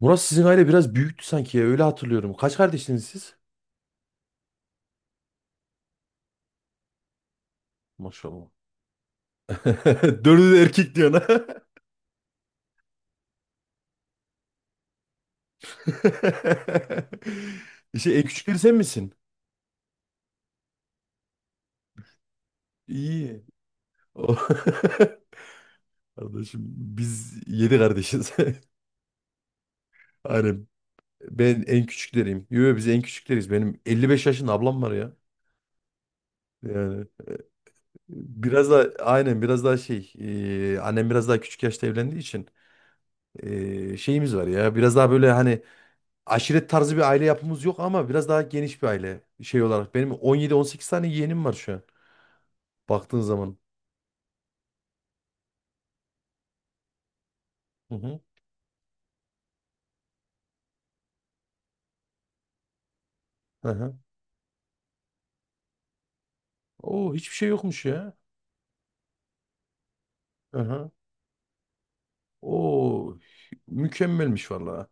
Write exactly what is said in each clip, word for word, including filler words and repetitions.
Murat sizin aile biraz büyüktü sanki ya, öyle hatırlıyorum. Kaç kardeşsiniz siz? Maşallah. Dördü de erkek diyorsun ha. Şey, en küçükleri sen misin? İyi. O- Kardeşim biz yedi kardeşiz. Aynen. Ben en küçükleriyim. Yo, biz en küçükleriz. Benim elli beş yaşında ablam var ya. Yani e, biraz da aynen biraz daha şey e, annem biraz daha küçük yaşta evlendiği için e, şeyimiz var ya. Biraz daha böyle hani aşiret tarzı bir aile yapımız yok ama biraz daha geniş bir aile şey olarak. Benim on yedi on sekiz tane yeğenim var şu an. Baktığın zaman. Hı hı. Hı hı. Oo hiçbir şey yokmuş ya. Hı hı. Oo mükemmelmiş vallahi.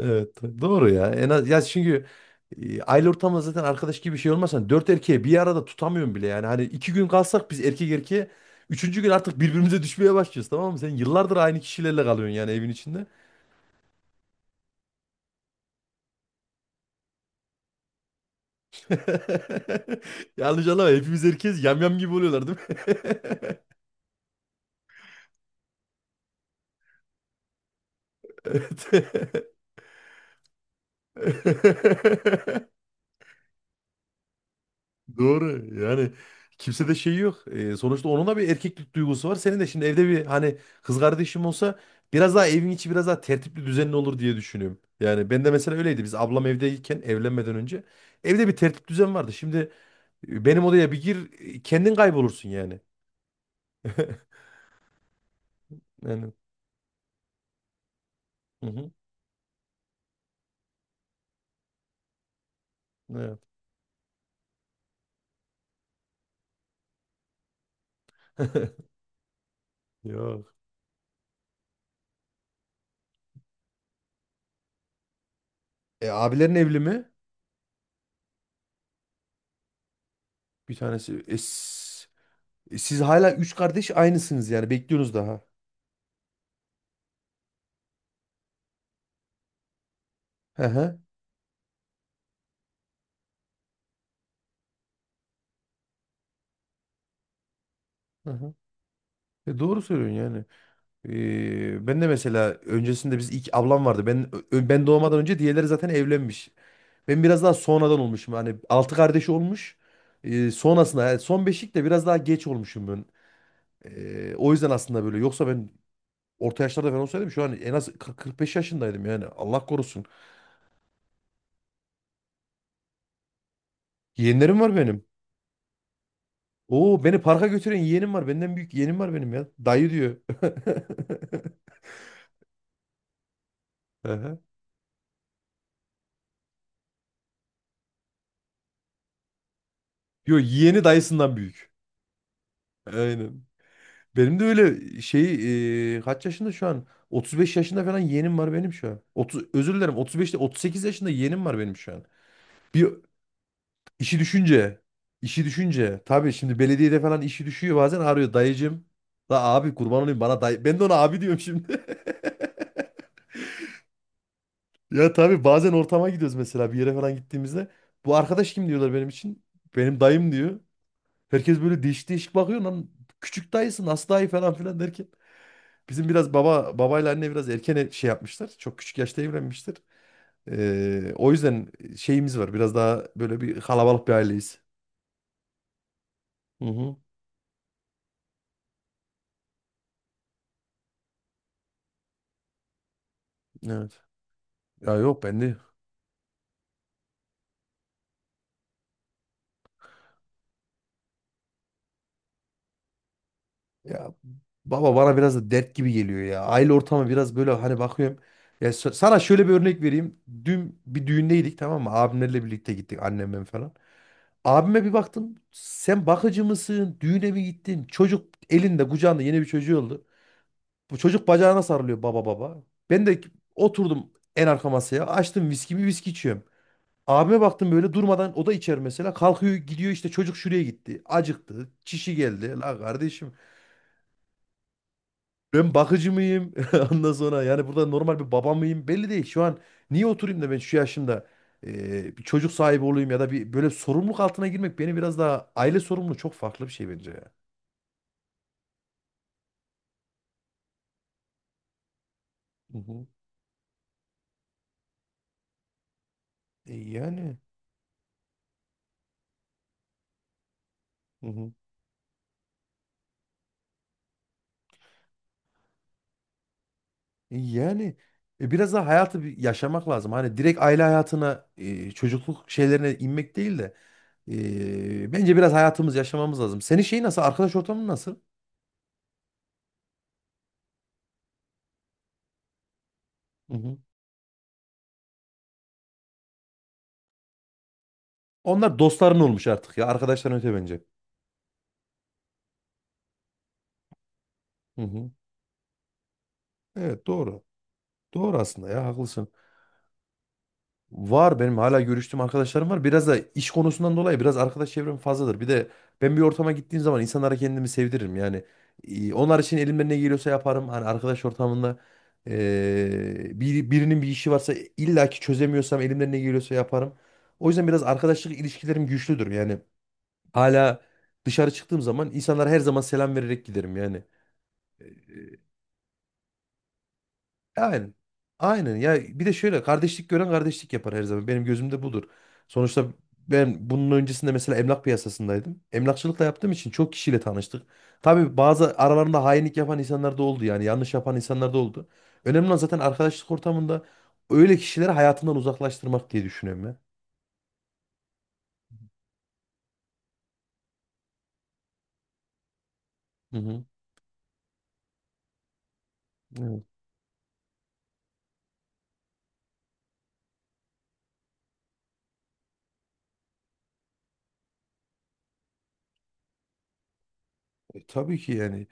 Evet doğru ya. En az ya çünkü e, aile ortamında zaten arkadaş gibi bir şey olmasa dört erkeği bir arada tutamıyorum bile yani. Hani iki gün kalsak biz erkek erkeğe üçüncü gün artık birbirimize düşmeye başlıyoruz, tamam mı? Sen yıllardır aynı kişilerle kalıyorsun yani evin içinde. Yanlış anlama hepimiz herkes yamyam gibi oluyorlar, değil mi? Evet. Doğru yani kimse de şey yok. Ee, sonuçta onun da bir erkeklik duygusu var. Senin de şimdi evde bir hani kız kardeşim olsa biraz daha evin içi biraz daha tertipli düzenli olur diye düşünüyorum. Yani ben de mesela öyleydi. Biz ablam evdeyken evlenmeden önce evde bir tertip düzen vardı. Şimdi e, benim odaya bir gir e, kendin kaybolursun yani. Yani. Hı hı. Evet. Yok. E abilerin evli mi? Bir tanesi. E, s- e, siz hala üç kardeş aynısınız yani. Bekliyorsunuz daha. Hı hı. Hı hı. E, doğru söylüyorsun yani. E, ben de mesela öncesinde biz ilk ablam vardı. Ben ö- ben doğmadan önce diğerleri zaten evlenmiş. Ben biraz daha sonradan olmuşum. Hani altı kardeş olmuş. E, sonrasında yani son beşik de biraz daha geç olmuşum ben. E, o yüzden aslında böyle. Yoksa ben orta yaşlarda falan olsaydım şu an en az kırk kırk beş yaşındaydım yani. Allah korusun. Yeğenlerim var benim. Oo beni parka götüren yeğenim var. Benden büyük yeğenim var benim ya. Dayı diyor. Aha. Yo, yeğeni dayısından büyük. Aynen. Benim de öyle şey e, kaç yaşında şu an? otuz beş yaşında falan yeğenim var benim şu an. otuz, özür dilerim otuz beş değil, otuz sekiz yaşında yeğenim var benim şu an. Bir işi düşünce işi düşünce tabii şimdi belediyede falan işi düşüyor bazen arıyor dayıcım. La abi kurban olayım bana dayı. Ben de ona abi diyorum şimdi. Ya tabii bazen ortama gidiyoruz mesela bir yere falan gittiğimizde. Bu arkadaş kim diyorlar benim için. Benim dayım diyor. Herkes böyle değişik değişik bakıyor lan. Küçük dayısı nasıl dayı falan filan derken. Bizim biraz baba babayla anne biraz erken e- şey yapmışlar. Çok küçük yaşta evlenmişler. Ee, o yüzden şeyimiz var. Biraz daha böyle bir kalabalık bir aileyiz. Hı hı. Evet. Ya yok bende. Ya baba bana biraz da dert gibi geliyor ya. Aile ortamı biraz böyle hani bakıyorum. Ya s- sana şöyle bir örnek vereyim. Dün bir düğündeydik, tamam mı? Abimlerle birlikte gittik annemle falan. Abime bir baktım. Sen bakıcı mısın? Düğüne mi gittin? Çocuk elinde kucağında, yeni bir çocuğu oldu. Bu çocuk bacağına sarılıyor, baba baba. Ben de oturdum en arka masaya. Açtım viskimi, viski içiyorum. Abime baktım böyle durmadan, o da içer mesela. Kalkıyor gidiyor işte, çocuk şuraya gitti. Acıktı. Çişi geldi. La kardeşim. Ben bakıcı mıyım? Ondan sonra yani burada normal bir baba mıyım? Belli değil. Şu an niye oturayım da ben şu yaşımda e, bir çocuk sahibi olayım ya da bir böyle sorumluluk altına girmek, beni biraz daha aile sorumluluğu çok farklı bir şey bence ya. Hı hı. E, yani hı hı. E, yani e, biraz daha hayatı bir yaşamak lazım. Hani direkt aile hayatına e, çocukluk şeylerine inmek değil de e, bence biraz hayatımızı yaşamamız lazım. Senin şeyi nasıl? Arkadaş ortamın nasıl? Hı hı. Onlar dostların olmuş artık ya. Arkadaşların öte bence. Hı hı. Evet doğru. Doğru aslında ya, haklısın. Var benim hala görüştüğüm arkadaşlarım var. Biraz da iş konusundan dolayı biraz arkadaş çevrem fazladır. Bir de ben bir ortama gittiğim zaman insanlara kendimi sevdiririm. Yani e, onlar için elimden ne geliyorsa yaparım. Hani arkadaş ortamında e, bir, birinin bir işi varsa illaki çözemiyorsam elimden ne geliyorsa yaparım. O yüzden biraz arkadaşlık ilişkilerim güçlüdür. Yani hala dışarı çıktığım zaman insanlara her zaman selam vererek giderim yani. E, e, Aynen. Aynen ya, bir de şöyle: kardeşlik gören kardeşlik yapar her zaman. Benim gözümde budur. Sonuçta ben bunun öncesinde mesela emlak piyasasındaydım. Emlakçılıkla yaptığım için çok kişiyle tanıştık. Tabii bazı aralarında hainlik yapan insanlar da oldu yani yanlış yapan insanlar da oldu. Önemli olan zaten arkadaşlık ortamında öyle kişileri hayatından uzaklaştırmak diye düşünüyorum ya. Hı hı. Evet. E, tabii ki yani.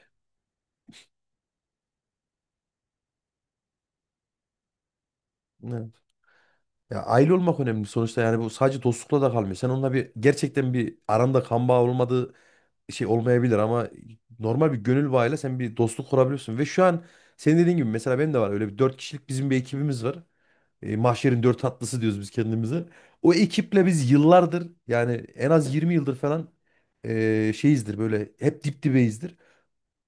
Evet. Ya aile olmak önemli sonuçta, yani bu sadece dostlukla da kalmıyor. Sen onunla bir gerçekten bir aranda kan bağı olmadığı şey olmayabilir ama normal bir gönül bağıyla sen bir dostluk kurabiliyorsun. Ve şu an senin dediğin gibi mesela benim de var öyle bir dört kişilik bizim bir ekibimiz var. E, mahşerin dört tatlısı diyoruz biz kendimize. O ekiple biz yıllardır yani en az yirmi yıldır falan e, şeyizdir, böyle hep dip dibeyizdir.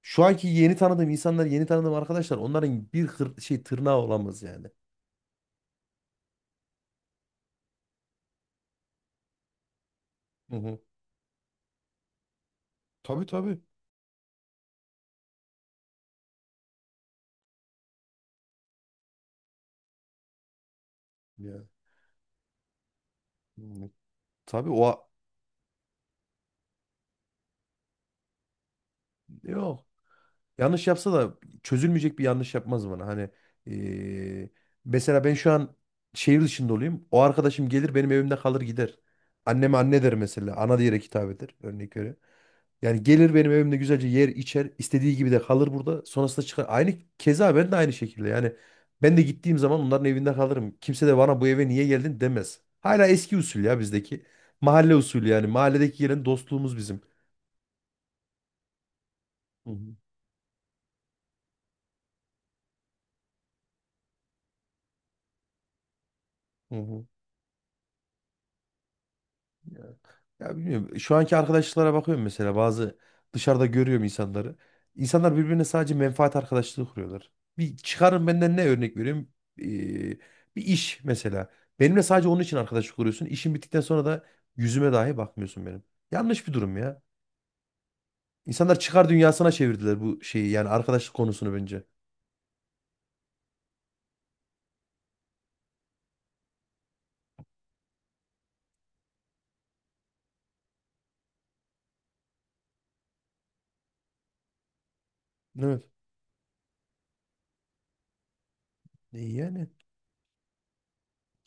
Şu anki yeni tanıdığım insanlar, yeni tanıdığım arkadaşlar onların bir hır- şey tırnağı olamaz yani. Hı hı. Tabii tabii. Ya. Hmm. Tabii o yok. Yanlış yapsa da çözülmeyecek bir yanlış yapmaz bana. Hani eee, mesela ben şu an şehir dışında olayım. O arkadaşım gelir benim evimde kalır gider. Anneme anne der mesela. Ana diyerek hitap eder, örnek öyle. Yani gelir benim evimde güzelce yer içer. İstediği gibi de kalır burada. Sonrasında çıkar. Aynı keza ben de aynı şekilde. Yani ben de gittiğim zaman onların evinde kalırım. Kimse de bana bu eve niye geldin demez. Hala eski usul ya bizdeki. Mahalle usulü yani. Mahalledeki gelen dostluğumuz bizim. Hı hı. Hı hı. Ya, ya bilmiyorum. Şu anki arkadaşlıklara bakıyorum mesela bazı dışarıda görüyorum insanları. İnsanlar birbirine sadece menfaat arkadaşlığı kuruyorlar. Bir çıkarın benden, ne örnek vereyim? Ee, bir iş mesela. Benimle sadece onun için arkadaşlık kuruyorsun. İşin bittikten sonra da yüzüme dahi bakmıyorsun benim. Yanlış bir durum ya. İnsanlar çıkar dünyasına çevirdiler bu şeyi yani arkadaşlık konusunu bence. Evet. E yani.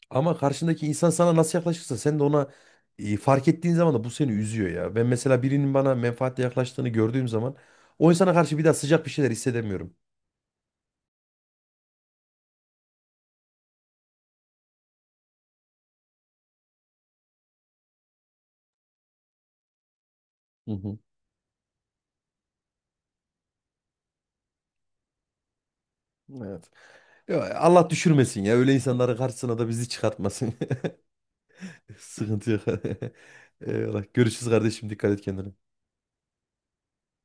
Ama karşındaki insan sana nasıl yaklaşırsa sen de ona e, fark ettiğin zaman da bu seni üzüyor ya. Ben mesela birinin bana menfaatle yaklaştığını gördüğüm zaman o insana karşı bir daha sıcak bir şeyler hissedemiyorum. Hı hı. Evet. Ya Allah düşürmesin ya, öyle insanların karşısına da bizi çıkartmasın. Sıkıntı yok. Eyvallah. Görüşürüz kardeşim, dikkat et kendine.